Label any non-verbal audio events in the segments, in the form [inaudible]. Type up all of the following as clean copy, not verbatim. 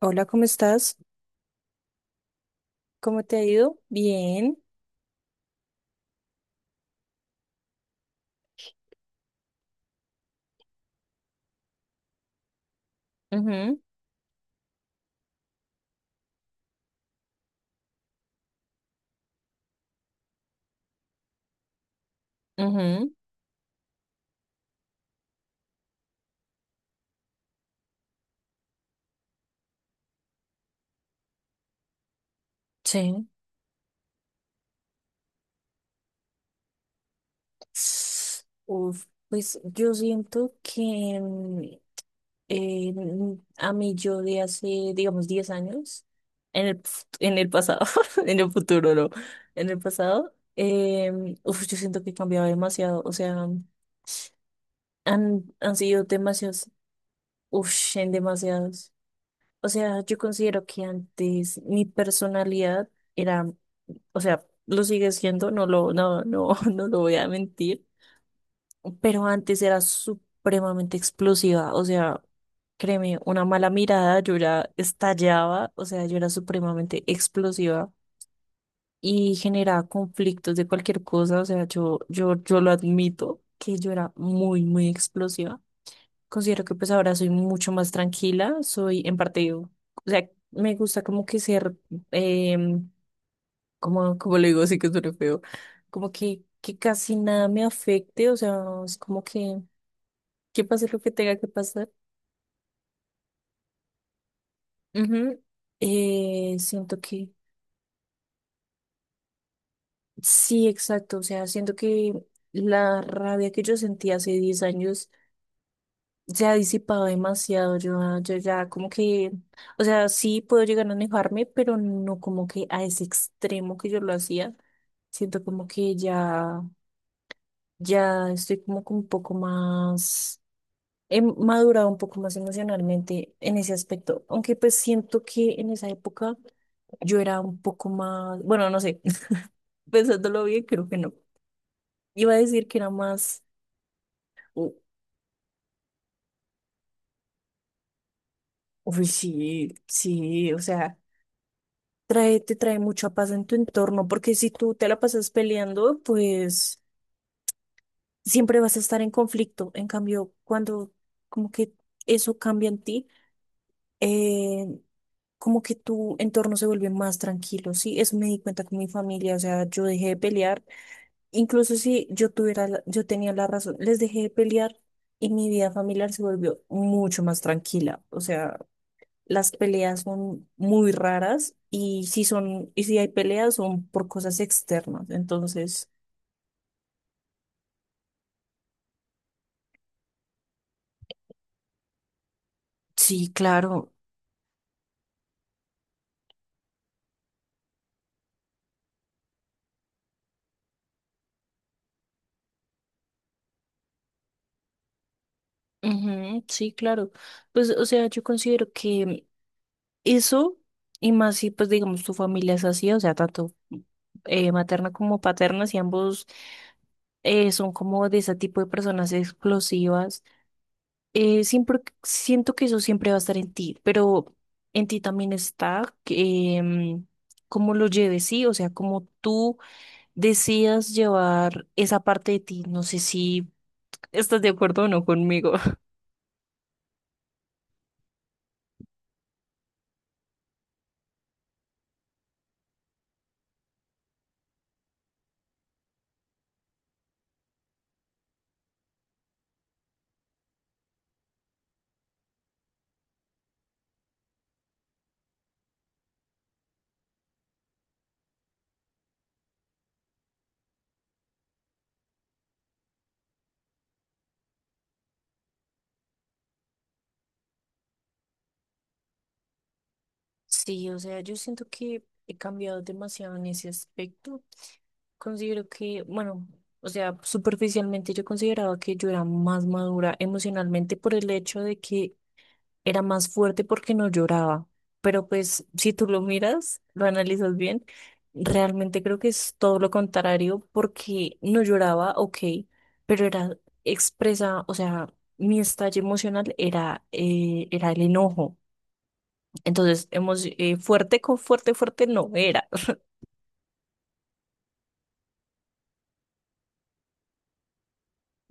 Hola, ¿cómo estás? ¿Cómo te ha ido? Bien. Ujú, ujú, sí. Uf, pues yo siento que a mí yo de hace, digamos, 10 años, en el pasado, [laughs] en el futuro, no, en el pasado, uf, yo siento que he cambiado demasiado, o sea, han sido demasiados, uf, en demasiados. O sea, yo considero que antes mi personalidad era, o sea, lo sigue siendo, no lo, no, no, [laughs] no lo voy a mentir, pero antes era supremamente explosiva, o sea, créeme, una mala mirada, yo ya estallaba, o sea, yo era supremamente explosiva y generaba conflictos de cualquier cosa, o sea, yo lo admito que yo era muy, muy explosiva. Considero que pues ahora soy mucho más tranquila, soy en parte, o sea, me gusta como que ser, em, como le digo, sí que suena feo, como que casi nada me afecte, o sea, es como que pase lo que tenga que pasar. Ujú. Siento que, sí, exacto, o sea, siento que la rabia que yo sentí hace 10 años se ha disipado demasiado. Yo ya como que, o sea, sí puedo llegar a enojarme, pero no como que a ese extremo que yo lo hacía. Siento como que ya estoy como que un poco más, he madurado un poco más emocionalmente en ese aspecto. Aunque pues siento que en esa época yo era un poco más, bueno, no sé, [laughs] pensándolo bien, creo que no. Iba a decir que era más, u- uy, sí, sí, o sea. Te trae mucha paz en tu entorno, porque si tú te la pasas peleando, pues siempre vas a estar en conflicto. En cambio, cuando como que eso cambia en ti, eh, como que tu entorno se vuelve más tranquilo, ¿sí? Eso me di cuenta con mi familia, o sea, yo dejé de pelear, incluso si yo tuviera, yo tenía la razón, les dejé de pelear y mi vida familiar se volvió mucho más tranquila, o sea. Las peleas son muy raras y si hay peleas son por cosas externas. Entonces. Sí, claro. Ujú, sí, claro. Pues, o sea, yo considero que eso, y más si, pues, digamos, tu familia es así, o sea, tanto materna como paterna, si ambos son como de ese tipo de personas explosivas, siempre siento que eso siempre va a estar en ti, pero en ti también está que, cómo lo lleves, sí, o sea, cómo tú decidas llevar esa parte de ti. No sé si estás de acuerdo o no conmigo. [laughs] Sí, o sea, yo siento que he cambiado demasiado en ese aspecto. Considero que, bueno, o sea, superficialmente yo consideraba que yo era más madura emocionalmente por el hecho de que era más fuerte porque no lloraba. Pero pues si tú lo miras, lo analizas bien, realmente creo que es todo lo contrario porque no lloraba, ok, pero era expresa, o sea, mi estallido emocional era el enojo. Entonces, fuerte con fuerte, fuerte no era.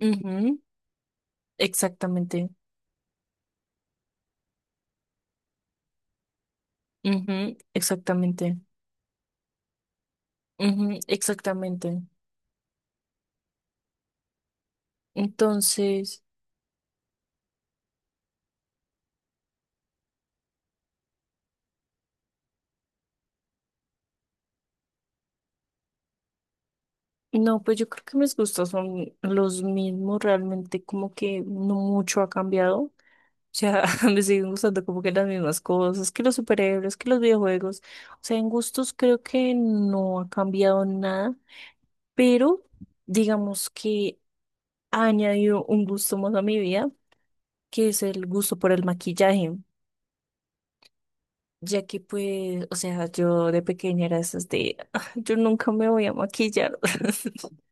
[laughs] Ujú, exactamente. Ujú, exactamente. Ujú, exactamente. Entonces. No, pues yo creo que mis gustos son los mismos, realmente como que no mucho ha cambiado. O sea, [laughs] me siguen gustando como que las mismas cosas, que los superhéroes, que los videojuegos. O sea, en gustos creo que no ha cambiado nada, pero digamos que ha añadido un gusto más a mi vida, que es el gusto por el maquillaje. Ya que pues, o sea, yo de pequeña era esas de, "Ah, yo nunca me voy a maquillar". [laughs]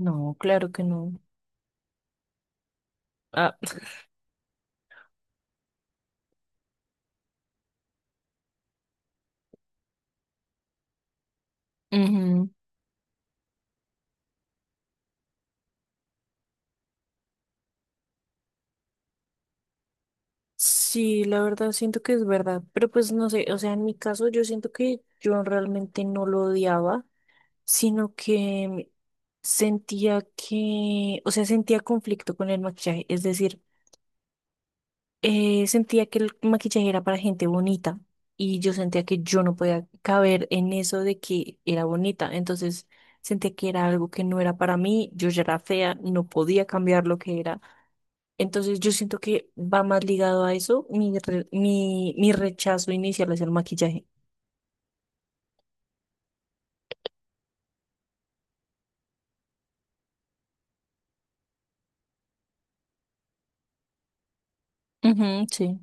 No, claro que no. Ah, [laughs] ujú. Sí, la verdad siento que es verdad, pero pues no sé, o sea, en mi caso yo siento que yo realmente no lo odiaba, sino que sentía que, o sea, sentía conflicto con el maquillaje, es decir, sentía que el maquillaje era para gente bonita y yo sentía que yo no podía caber en eso de que era bonita, entonces sentía que era algo que no era para mí, yo ya era fea, no podía cambiar lo que era, entonces yo siento que va más ligado a eso mi rechazo inicial hacia el maquillaje. Ujú, sí.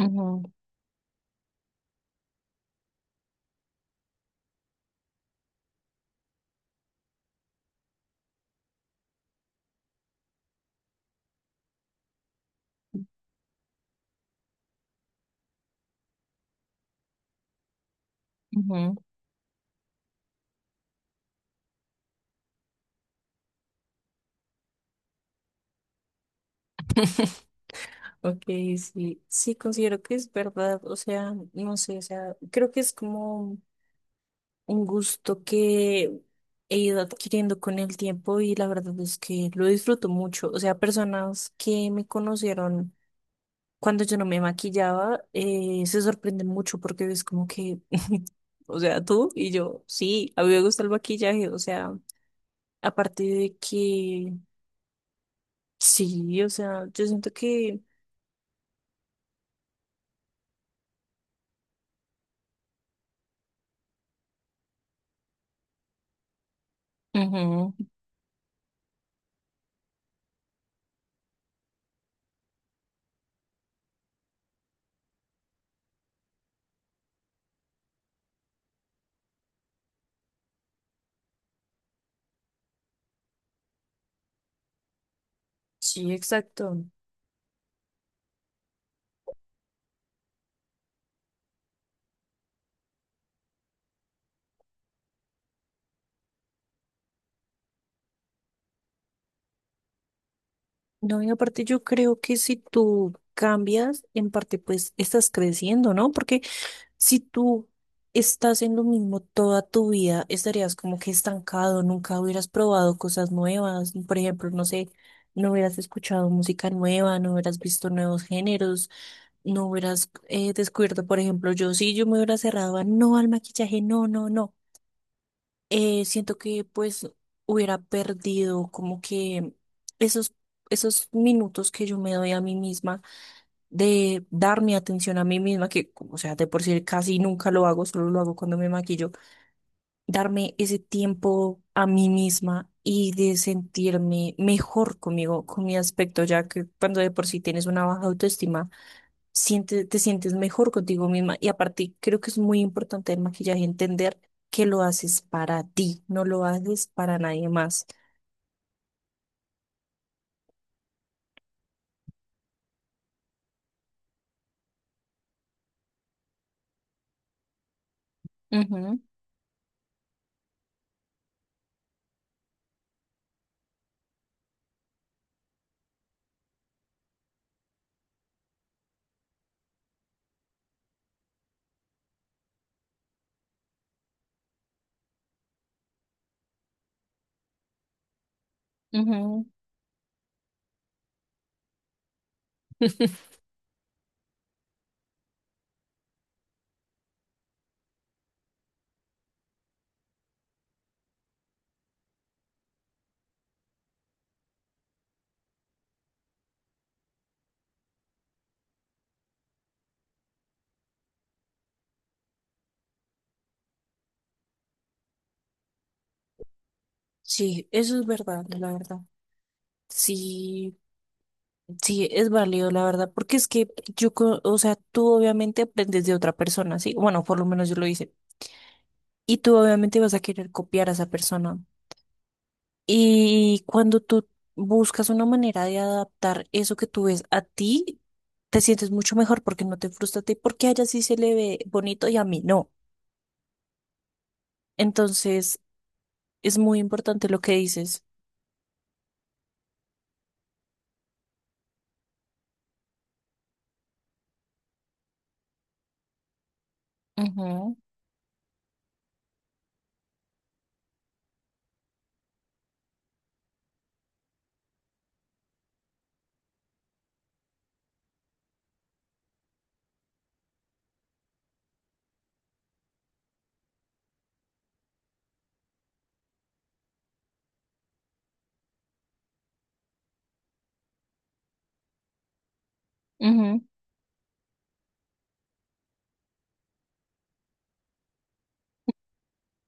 Ujú, ujú. Ok, sí, sí, considero que es verdad, o sea, no sé, o sea, creo que es como un gusto que he ido adquiriendo con el tiempo y la verdad es que lo disfruto mucho, o sea, personas que me conocieron cuando yo no me maquillaba se sorprenden mucho porque es como que, o sea, tú y yo, sí, a mí me gusta el maquillaje, o sea, aparte de que, sí, o sea, yo siento que. Ujú, sí, exacto. No, y aparte yo creo que si tú cambias, en parte pues estás creciendo, ¿no? Porque si tú estás en lo mismo toda tu vida, estarías como que estancado, nunca hubieras probado cosas nuevas, por ejemplo, no sé, no hubieras escuchado música nueva, no hubieras visto nuevos géneros, no hubieras descubierto, por ejemplo, yo sí, yo me hubiera cerrado a no al maquillaje, no, no, no siento que pues hubiera perdido como que esos, esos minutos que yo me doy a mí misma de dar mi atención a mí misma, que o sea, de por sí casi nunca lo hago, solo lo hago cuando me maquillo, darme ese tiempo a mí misma y de sentirme mejor conmigo, con mi aspecto, ya que cuando de por sí tienes una baja autoestima, te sientes mejor contigo misma. Y aparte, creo que es muy importante el maquillaje entender que lo haces para ti, no lo haces para nadie más. Ujú, ujú. [laughs] Sí, eso es verdad, la verdad. Sí, sí, es válido, la verdad, porque es que yo, o sea, tú obviamente aprendes de otra persona, ¿sí? Bueno, por lo menos yo lo hice. Y tú obviamente vas a querer copiar a esa persona. Y cuando tú buscas una manera de adaptar eso que tú ves a ti, te sientes mucho mejor porque no te frustra a ti, porque a ella sí se le ve bonito y a mí no. Entonces, es muy importante lo que dices. Ujú, ujú,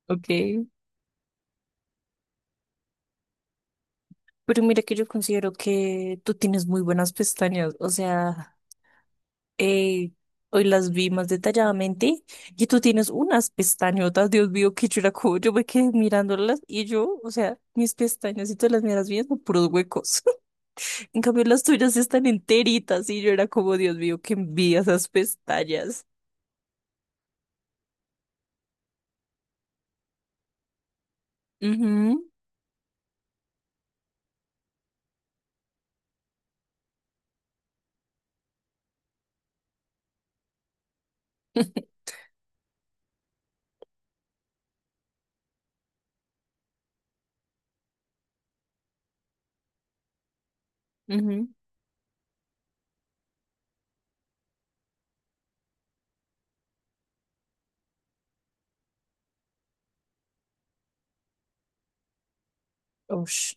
ok. Pero mira que yo considero que tú tienes muy buenas pestañas, o sea. Eh, Hoy las vi más detalladamente y tú tienes unas pestañotas, Dios mío, qué churaco. Yo me quedé mirándolas y yo, o sea, mis pestañas y tú las miras bien son puros huecos. [laughs] En cambio, las tuyas están enteritas y yo era como, Dios mío, qué envidia esas pestañas. Mhm. [laughs] Ujú. Ush,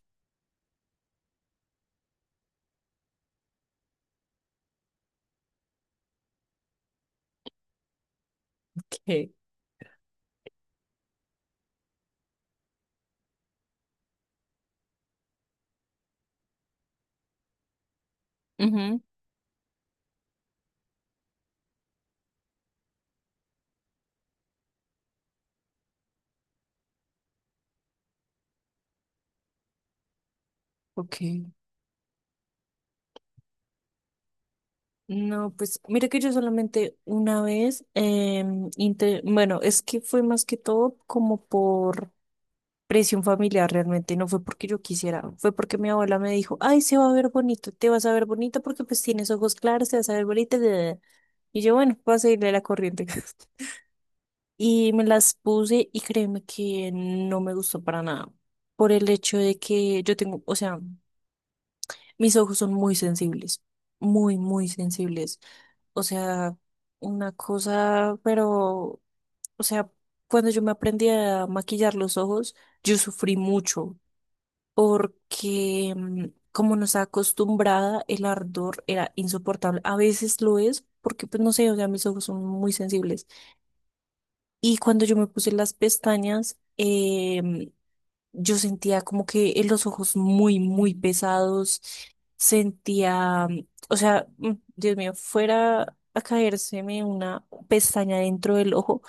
ok. Ujú, ok. No, pues mira que yo solamente una vez, bueno, es que fue más que todo como por presión familiar, realmente no fue porque yo quisiera, fue porque mi abuela me dijo, "Ay, se va a ver bonito, te vas a ver bonito porque pues tienes ojos claros, te vas a ver bonita, da, da, da". Y yo, bueno, voy a seguirle la corriente. [laughs] Y me las puse y créeme que no me gustó para nada. Por el hecho de que yo tengo, o sea, mis ojos son muy sensibles, muy, muy sensibles. O sea, una cosa, pero, o sea, cuando yo me aprendí a maquillar los ojos, yo sufrí mucho porque como nos ha acostumbrada, el ardor era insoportable. A veces lo es, porque pues no sé, o sea, mis ojos son muy sensibles. Y cuando yo me puse las pestañas, yo sentía como que en los ojos muy, muy pesados, sentía, o sea, Dios mío, fuera a caérseme una pestaña dentro del ojo,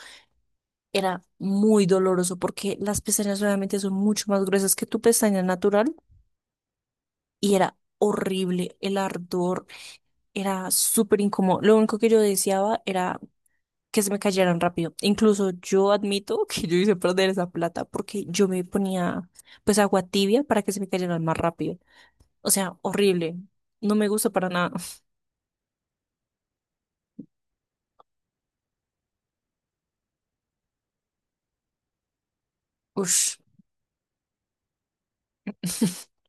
era muy doloroso porque las pestañas realmente son mucho más gruesas que tu pestaña natural y era horrible, el ardor era súper incómodo. Lo único que yo deseaba era que se me cayeran rápido. Incluso yo admito [laughs] que yo hice perder esa plata porque yo me ponía pues agua tibia para que se me cayeran más rápido. O sea, horrible. No me gusta para nada. Ush. [laughs]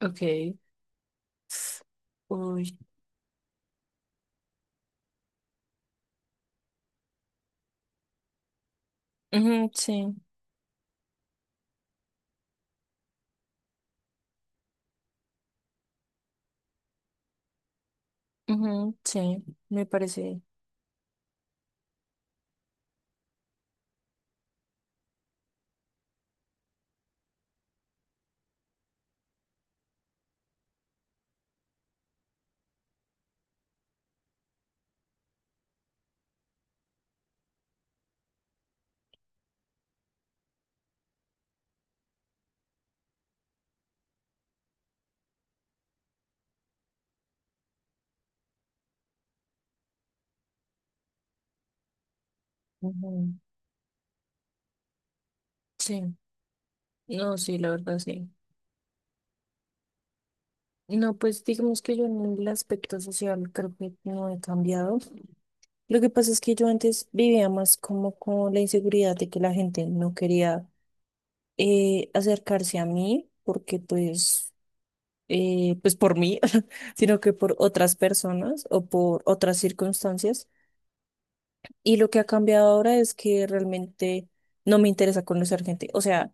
Ok. Uy. Ujú, sí. Ujú, sí. Me parece. Ujú, sí. No, sí, la verdad, sí. No, pues digamos que yo en el aspecto social creo que no he cambiado. Lo que pasa es que yo antes vivía más como con la inseguridad de que la gente no quería acercarse a mí porque pues, pues por mí, [laughs] sino que por otras personas o por otras circunstancias. Y lo que ha cambiado ahora es que realmente no me interesa conocer gente. O sea,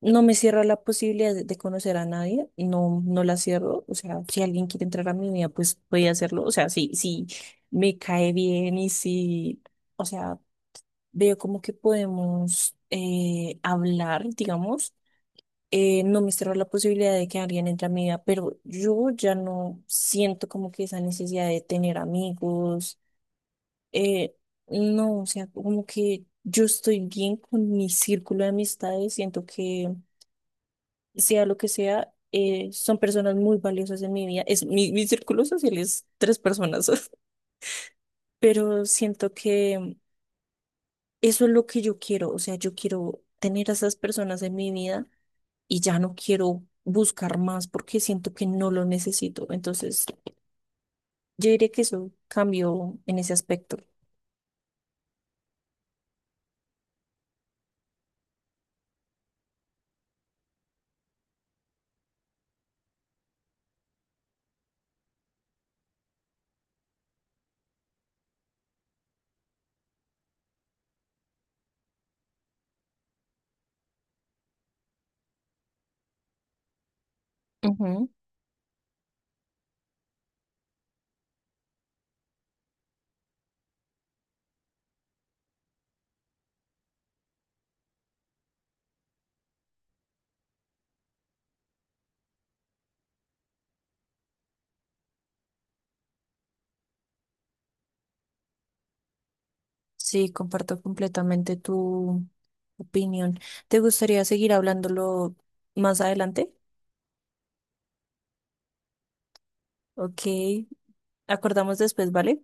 no me cierro a la posibilidad de conocer a nadie, no, no la cierro. O sea, si alguien quiere entrar a mi vida, pues voy a hacerlo. O sea, si me cae bien y si, o sea, veo como que podemos hablar, digamos. No me cierro a la posibilidad de que alguien entre a mi vida, pero yo ya no siento como que esa necesidad de tener amigos, eh, no, o sea, como que yo estoy bien con mi círculo de amistades, siento que sea lo que sea, son personas muy valiosas en mi vida. Es, mi círculo social es tres personas, [laughs] pero siento que eso es lo que yo quiero, o sea, yo quiero tener a esas personas en mi vida y ya no quiero buscar más porque siento que no lo necesito. Entonces, yo diría que eso cambió en ese aspecto. Sí, comparto completamente tu opinión. ¿Te gustaría seguir hablándolo más adelante? Ok, acordamos después, ¿vale?